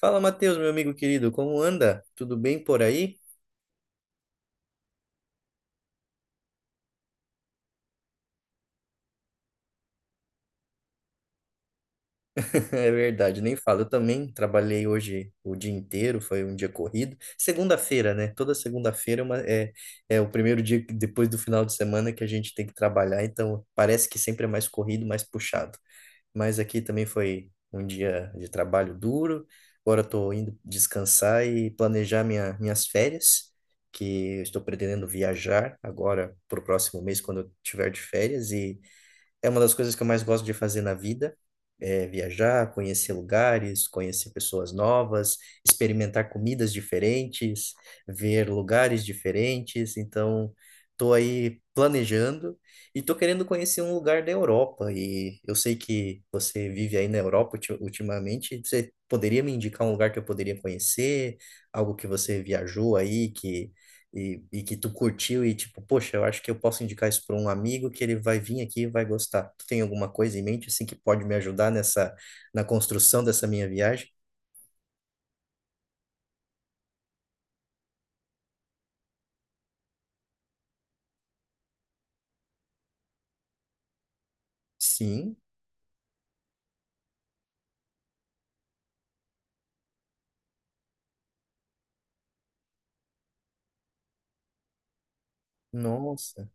Fala, Matheus, meu amigo querido, como anda? Tudo bem por aí? É verdade, nem falo. Eu também trabalhei hoje o dia inteiro, foi um dia corrido. Segunda-feira, né? Toda segunda-feira é o primeiro depois do final de semana que a gente tem que trabalhar, então parece que sempre é mais corrido, mais puxado. Mas aqui também foi um dia de trabalho duro. Agora estou indo descansar e planejar minhas férias, que eu estou pretendendo viajar agora para o próximo mês, quando eu tiver de férias. É uma das coisas que eu mais gosto de fazer na vida, é viajar, conhecer lugares, conhecer pessoas novas, experimentar comidas diferentes, ver lugares diferentes. Então, tô aí planejando e tô querendo conhecer um lugar da Europa. E eu sei que você vive aí na Europa ultimamente. Você poderia me indicar um lugar que eu poderia conhecer? Algo que você viajou aí e que tu curtiu e tipo, poxa, eu acho que eu posso indicar isso para um amigo que ele vai vir aqui e vai gostar. Tu tem alguma coisa em mente assim que pode me ajudar nessa na construção dessa minha viagem? Sim. Nossa.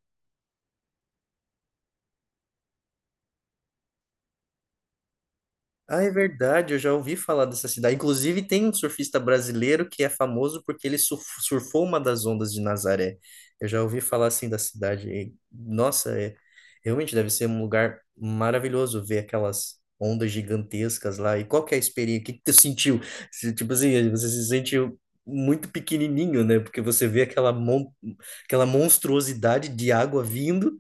Ah, é verdade, eu já ouvi falar dessa cidade. Inclusive, tem um surfista brasileiro que é famoso porque ele surfou uma das ondas de Nazaré. Eu já ouvi falar assim da cidade. E, nossa, realmente deve ser um lugar maravilhoso ver aquelas ondas gigantescas lá. E qual que é a experiência? O que que tu sentiu? Se, Tipo assim, você se sentiu muito pequenininho, né? Porque você vê aquela monstruosidade de água vindo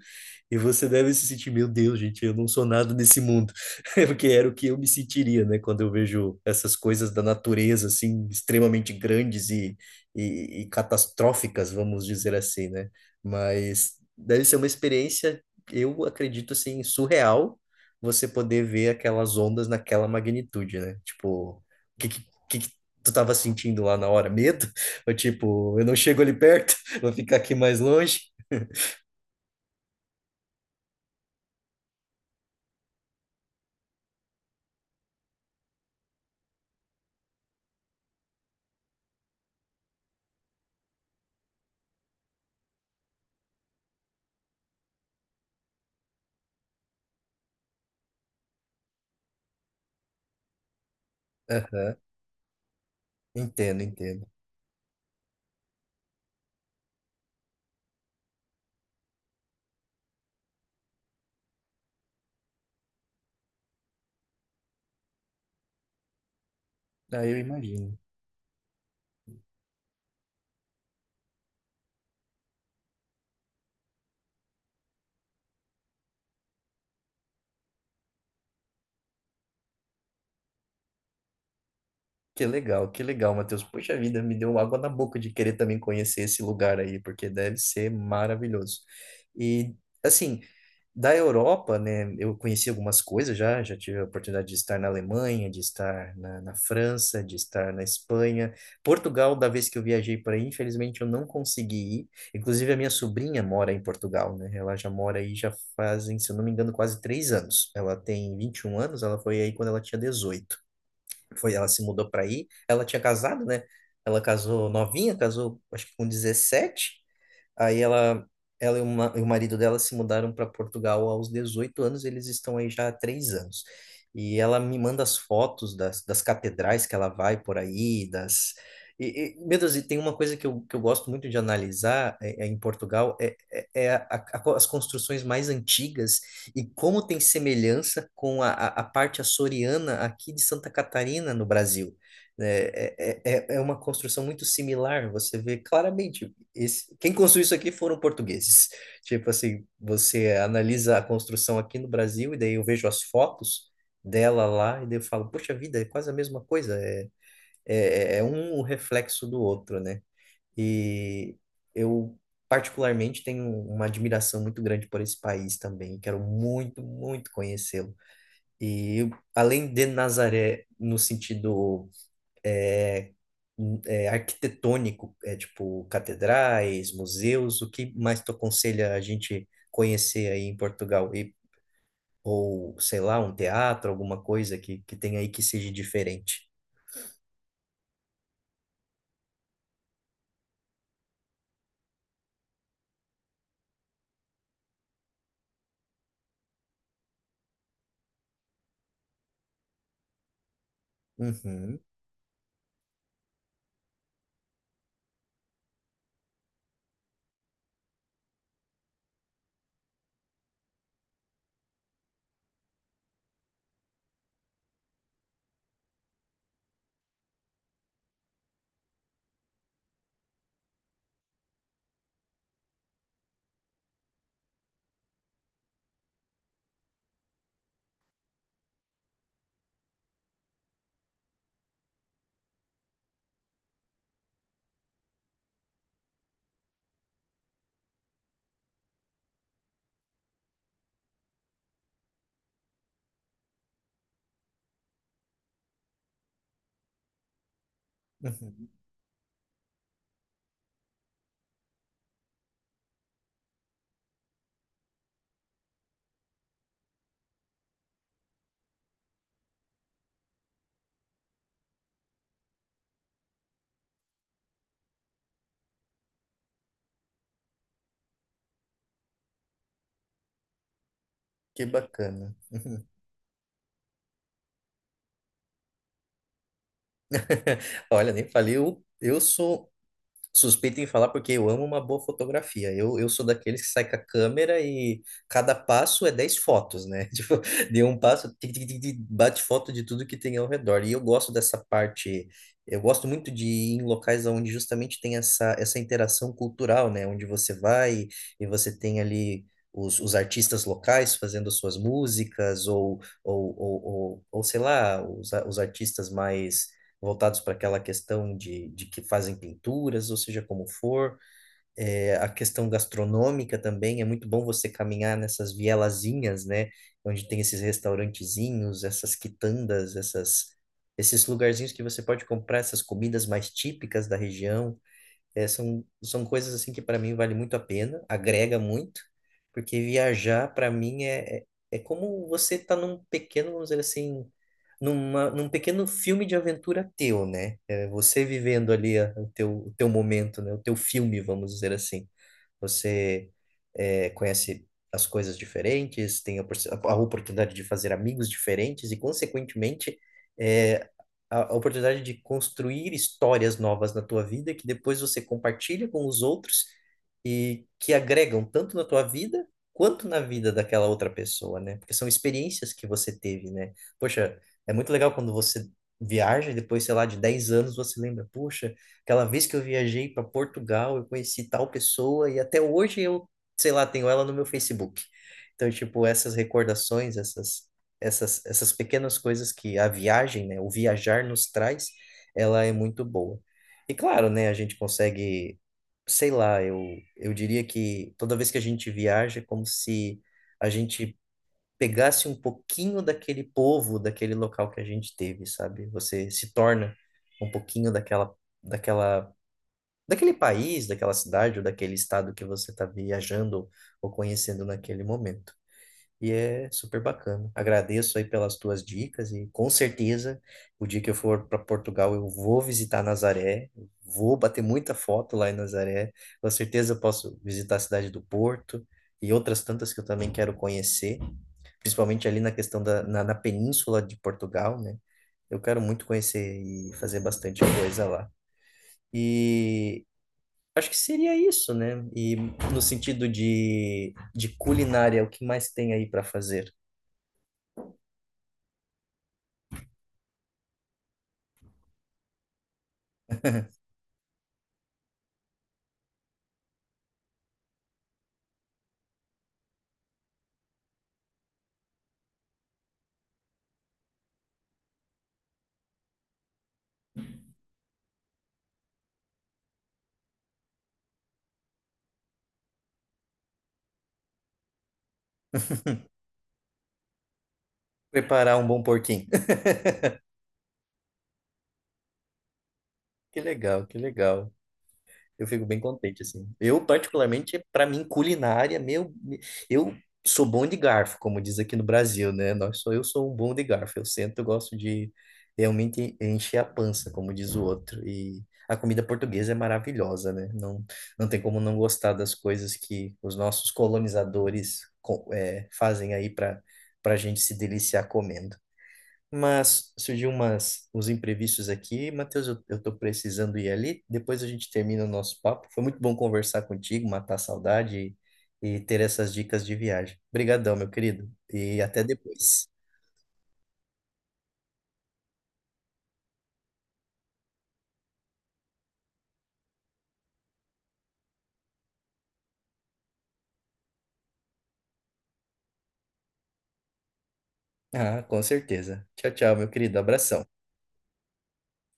e você deve se sentir, meu Deus, gente, eu não sou nada nesse mundo. Porque era o que eu me sentiria, né, quando eu vejo essas coisas da natureza, assim, extremamente grandes e catastróficas, vamos dizer assim, né? Mas deve ser uma experiência, eu acredito, assim, surreal você poder ver aquelas ondas naquela magnitude, né? Tipo, o que, que, que que tu tava sentindo lá na hora? Medo? Ou tipo, eu não chego ali perto, vou ficar aqui mais longe? Aham. Entendo, entendo. Ah, eu imagino. Que legal, Matheus. Poxa vida, me deu água na boca de querer também conhecer esse lugar aí, porque deve ser maravilhoso. E, assim, da Europa, né, eu conheci algumas coisas já, já tive a oportunidade de estar na Alemanha, de estar na França, de estar na Espanha. Portugal, da vez que eu viajei para aí, infelizmente eu não consegui ir. Inclusive, a minha sobrinha mora em Portugal, né? Ela já mora aí já fazem, se eu não me engano, quase 3 anos. Ela tem 21 anos, ela foi aí quando ela tinha dezoito. Ela se mudou para aí. Ela tinha casado, né? Ela casou novinha, casou acho que com 17. Aí ela e o marido dela se mudaram para Portugal aos 18 anos, eles estão aí já há 3 anos. E ela me manda as fotos das catedrais que ela vai por aí, das. E, meu Deus, e tem uma coisa que eu gosto muito de analisar é em Portugal, as construções mais antigas e como tem semelhança com a parte açoriana aqui de Santa Catarina, no Brasil. É, é uma construção muito similar, você vê claramente quem construiu isso aqui foram portugueses. Tipo assim, você analisa a construção aqui no Brasil e daí eu vejo as fotos dela lá e daí eu falo, poxa vida, é quase a mesma coisa, é um reflexo do outro, né? E eu particularmente tenho uma admiração muito grande por esse país também, quero muito, muito conhecê-lo. E além de Nazaré no sentido é, arquitetônico, é tipo catedrais, museus, o que mais tu aconselha a gente conhecer aí em Portugal? Ou, sei lá, um teatro, alguma coisa que tem aí que seja diferente. Uhum, uhum. Que bacana. Uhum. Olha, nem falei, eu sou suspeito em falar porque eu amo uma boa fotografia. Eu sou daqueles que sai com a câmera e cada passo é 10 fotos, né? Tipo, de um passo, tic, tic, tic, tic, bate foto de tudo que tem ao redor. E eu gosto dessa parte, eu gosto muito de ir em locais onde justamente tem essa interação cultural, né? Onde você vai e você tem ali os artistas locais fazendo suas músicas, ou sei lá, os artistas mais voltados para aquela questão de que fazem pinturas, ou seja, como for. É, a questão gastronômica também, é muito bom você caminhar nessas vielazinhas, né? Onde tem esses restaurantezinhos, esses lugarzinhos que você pode comprar essas comidas mais típicas da região. É, são coisas assim que para mim vale muito a pena, agrega muito, porque viajar para mim é como você tá num pequeno, vamos dizer assim, num pequeno filme de aventura teu, né? É você vivendo ali o teu momento, né? O teu filme, vamos dizer assim. Você conhece as coisas diferentes, tem a oportunidade de fazer amigos diferentes e, consequentemente, eh, a oportunidade de construir histórias novas na tua vida que depois você compartilha com os outros e que agregam tanto na tua vida quanto na vida daquela outra pessoa, né? Porque são experiências que você teve, né? Poxa, é muito legal quando você viaja e depois, sei lá, de 10 anos você lembra, poxa, aquela vez que eu viajei para Portugal, eu conheci tal pessoa e até hoje eu, sei lá, tenho ela no meu Facebook. Então, tipo, essas recordações, essas pequenas coisas que a viagem, né, o viajar nos traz, ela é muito boa. E claro, né, a gente consegue, sei lá, eu diria que toda vez que a gente viaja, é como se a gente pegasse um pouquinho daquele povo, daquele local que a gente teve, sabe? Você se torna um pouquinho daquela daquela daquele país, daquela cidade ou daquele estado que você está viajando ou conhecendo naquele momento. E é super bacana. Agradeço aí pelas tuas dicas e com certeza o dia que eu for para Portugal eu vou visitar Nazaré, vou bater muita foto lá em Nazaré. Com certeza eu posso visitar a cidade do Porto e outras tantas que eu também quero conhecer, principalmente ali na questão na península de Portugal, né? Eu quero muito conhecer e fazer bastante coisa lá. E acho que seria isso, né? E no sentido de culinária, o que mais tem aí para fazer? Preparar um bom porquinho. Que legal, que legal. Eu fico bem contente, assim. Eu, particularmente, para mim, culinária, meu, eu sou bom de garfo, como diz aqui no Brasil, né? Eu sou um bom de garfo. Eu sento, eu gosto de realmente encher a pança, como diz o outro. E a comida portuguesa é maravilhosa, né? Não, não tem como não gostar das coisas que os nossos colonizadores fazem aí para a gente se deliciar comendo. Mas surgiu uns imprevistos aqui. Matheus, eu tô precisando ir ali. Depois a gente termina o nosso papo. Foi muito bom conversar contigo, matar a saudade e ter essas dicas de viagem. Obrigadão, meu querido. E até depois. Ah, com certeza. Tchau, tchau, meu querido. Abração.